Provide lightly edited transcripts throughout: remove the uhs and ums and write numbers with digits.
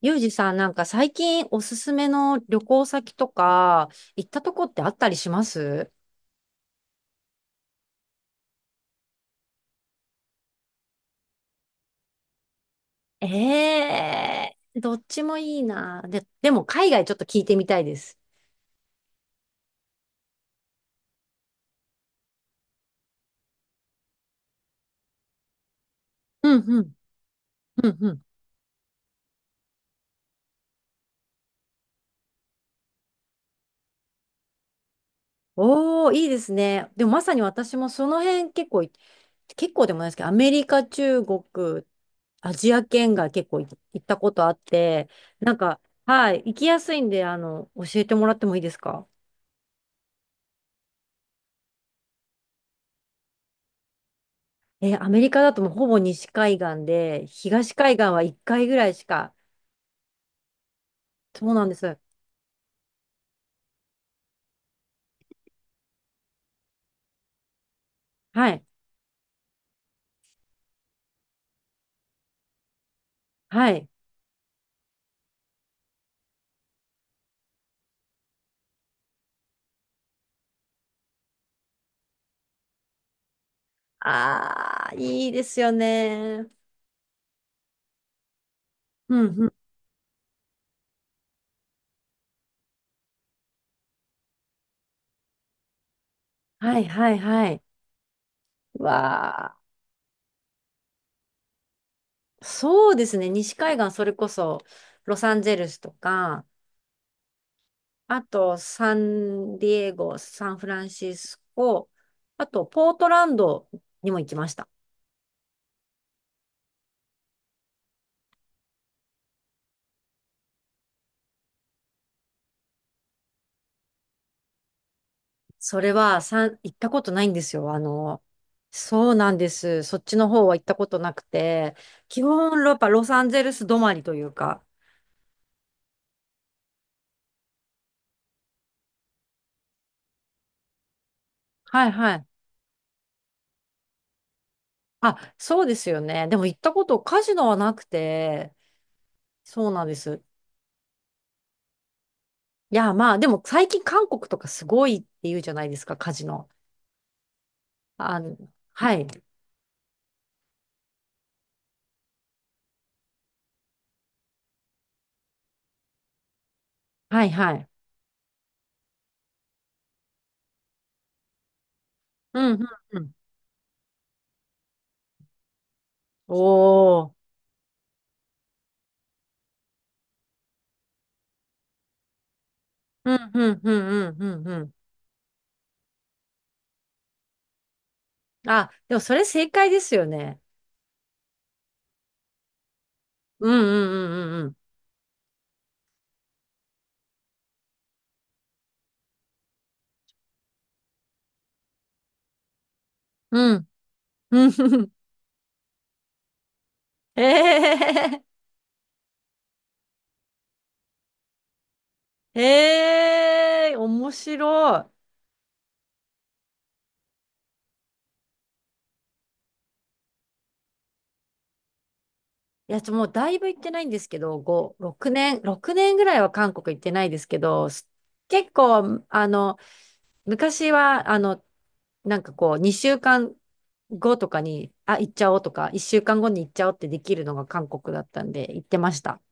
ゆうじさん、なんか最近おすすめの旅行先とか、行ったとこってあったりします？ええー、どっちもいいな。で、でも海外ちょっと聞いてみたいです。うんうん、うんうん。おー、いいですね。でもまさに私もその辺結構でもないですけど、アメリカ、中国、アジア圏が結構い行ったことあって、なんか、はい、行きやすいんで、教えてもらってもいいですか？アメリカだともうほぼ西海岸で、東海岸は1回ぐらいしか。そうなんです。はい。はい。ああ、いいですよね。うんうん。はいはいはい。わあ、そうですね。西海岸、それこそ、ロサンゼルスとか、あと、サンディエゴ、サンフランシスコ、あと、ポートランドにも行きました。それは、行ったことないんですよ。そうなんです。そっちの方は行ったことなくて、基本、やっぱロサンゼルス止まりというか。はいはい。あ、そうですよね。でも行ったこと、カジノはなくて、そうなんです。いや、まあ、でも最近韓国とかすごいって言うじゃないですか、カジノ。あの、はい。はいはい。うんうんうん。おー。うんうんうんうんうんうん。あ、でもそれ正解ですよね。うんうんうんうんうん。うん うん。ええええ、面白い。いや、もうだいぶ行ってないんですけど、5、6年ぐらいは韓国行ってないですけど、結構、昔は、なんかこう、2週間後とかに、あ、行っちゃおうとか、1週間後に行っちゃおうってできるのが韓国だったんで、行ってました。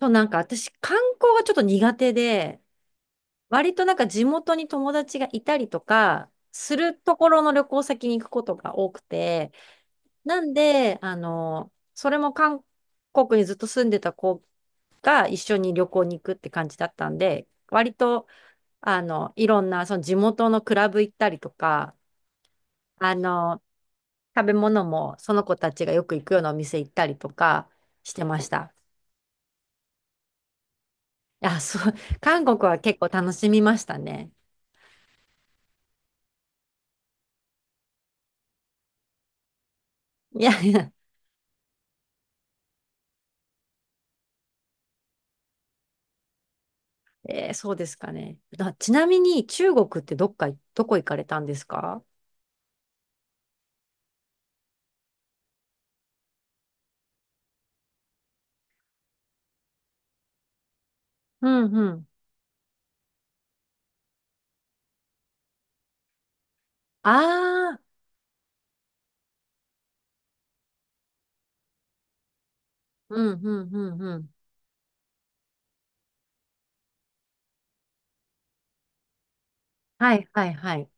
そう、なんか私、観光がちょっと苦手で、割となんか地元に友達がいたりとか、するところの旅行先に行くことが多くて、なんで、それも韓国にずっと住んでた子が一緒に旅行に行くって感じだったんで、割と、いろんなその地元のクラブ行ったりとか、あの、食べ物もその子たちがよく行くようなお店行ったりとかしてました。いや、そう、韓国は結構楽しみましたね。いやいや。そうですかね。ちなみに中国ってどこ行かれたんですか？うんうん。ああ、うんうんうんうん。はいはいはい。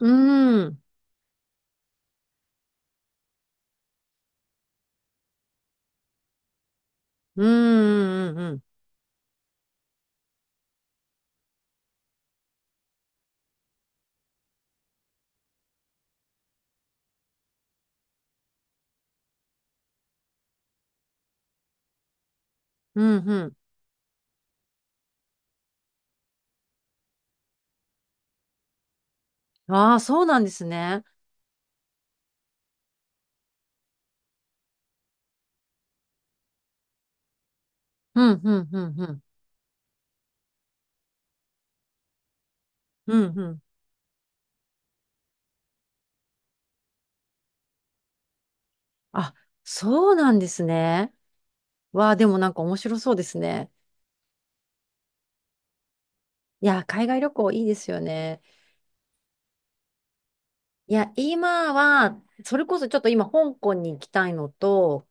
うーん、うーん、うんうん、うんうん。ああ、そうなんですね。うんうんうんうん、うんうん。あ、そうなんですね。わあ、でもなんか面白そうですね。いや、海外旅行いいですよね。いや、今は、それこそちょっと今香港に行きたいのと、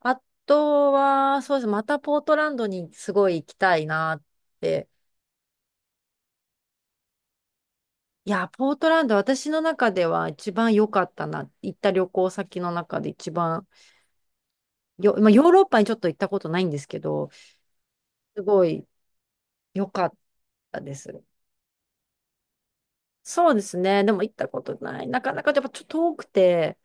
あとは、そうです。またポートランドにすごい行きたいなって。いや、ポートランド、私の中では一番良かったな。行った旅行先の中で一番よ、まあ、ヨーロッパにちょっと行ったことないんですけど、すごい良かったです。そうですね。でも行ったことない。なかなかやっぱちょっと遠くて。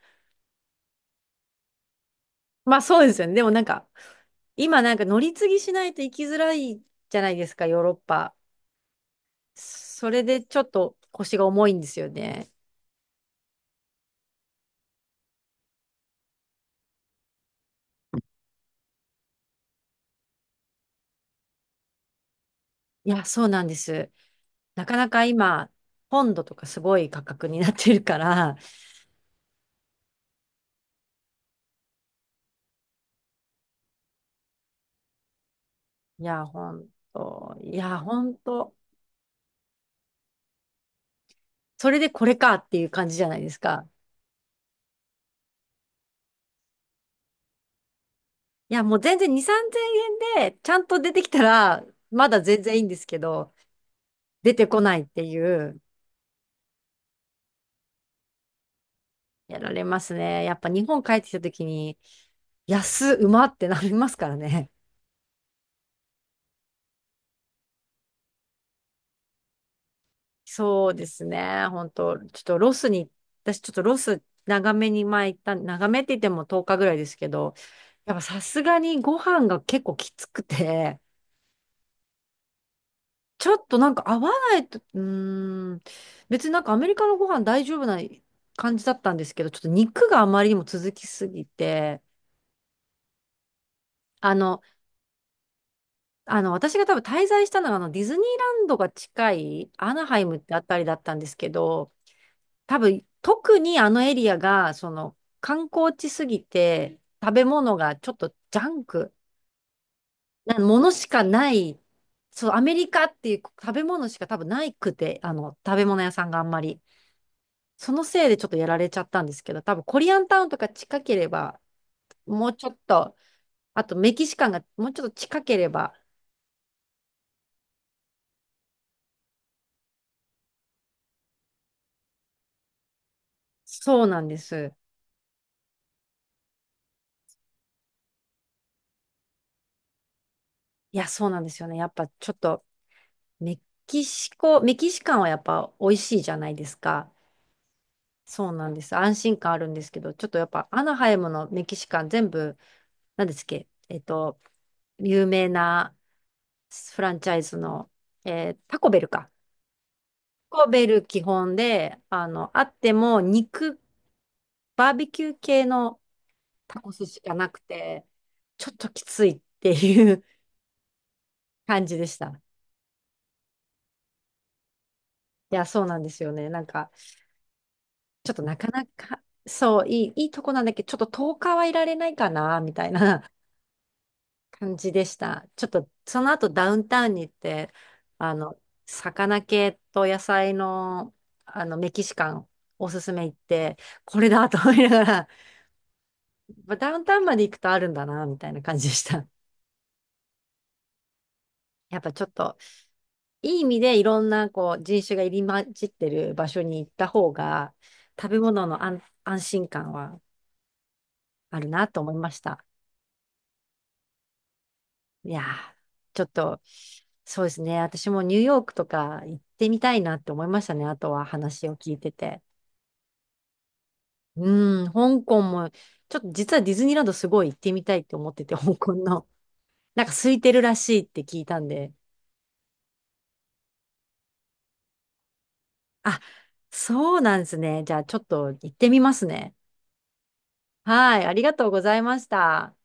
まあそうですよね。でもなんか、今なんか乗り継ぎしないと行きづらいじゃないですか、ヨーロッパ。それでちょっと腰が重いんですよね。いや、そうなんです。なかなか今、ポンドとかすごい価格になってるから、いや、ほんいや、ほんと、それでこれかっていう感じじゃないですか。いや、もう全然2、3000円でちゃんと出てきたら、まだ全然いいんですけど、出てこないっていう、やられますね。やっぱ日本帰ってきた時に、うまってなりますからね。そうですね。本当ちょっとロスに、私ちょっとロス長めに前行った、長めって言っても10日ぐらいですけど、やっぱさすがにご飯が結構きつくて、ちょっとなんか合わないと、うーん、別になんかアメリカのご飯大丈夫な感じだったんですけど、ちょっと肉があまりにも続きすぎて、あの、あの、私が多分滞在したのがあのディズニーランドが近いアナハイムってあたりだったんですけど、多分、特にあのエリアが、その、観光地すぎて、食べ物がちょっとジャンクなものしかない、そう、アメリカっていう食べ物しか多分ないくて、食べ物屋さんがあんまり。そのせいでちょっとやられちゃったんですけど、多分コリアンタウンとか近ければ、もうちょっと、あとメキシカンがもうちょっと近ければ、そうなんです。いや、そうなんですよね。やっぱちょっと、メメキシカンはやっぱ美味しいじゃないですか。そうなんです。安心感あるんですけど、ちょっとやっぱアナハイムのメキシカン全部、何ですっけ、有名なフランチャイズの、タコベルか。タコベル基本で、あっても肉、バーベキュー系のタコスしかなくて、ちょっときついっていう 感じでした。いや、そうなんですよね。なんか、ちょっとなかなか、そう、いいとこなんだけど、ちょっと10日はいられないかな、みたいな。感じでした。ちょっと、その後ダウンタウンに行って、あの、魚系と野菜の、メキシカンおすすめ行って、これだと思いながら、まあダウンタウンまで行くとあるんだな、みたいな感じでした。やっぱちょっと、いい意味でいろんなこう人種が入り混じってる場所に行った方が、食べ物の安心感はあるなと思いました。いやー、ちょっと、そうですね。私もニューヨークとか行ってみたいなって思いましたね。あとは話を聞いてて。うん、香港も、ちょっと実はディズニーランドすごい行ってみたいって思ってて、香港の。なんか空いてるらしいって聞いたんで。あ、そうなんですね。じゃあちょっと行ってみますね。はい、ありがとうございました。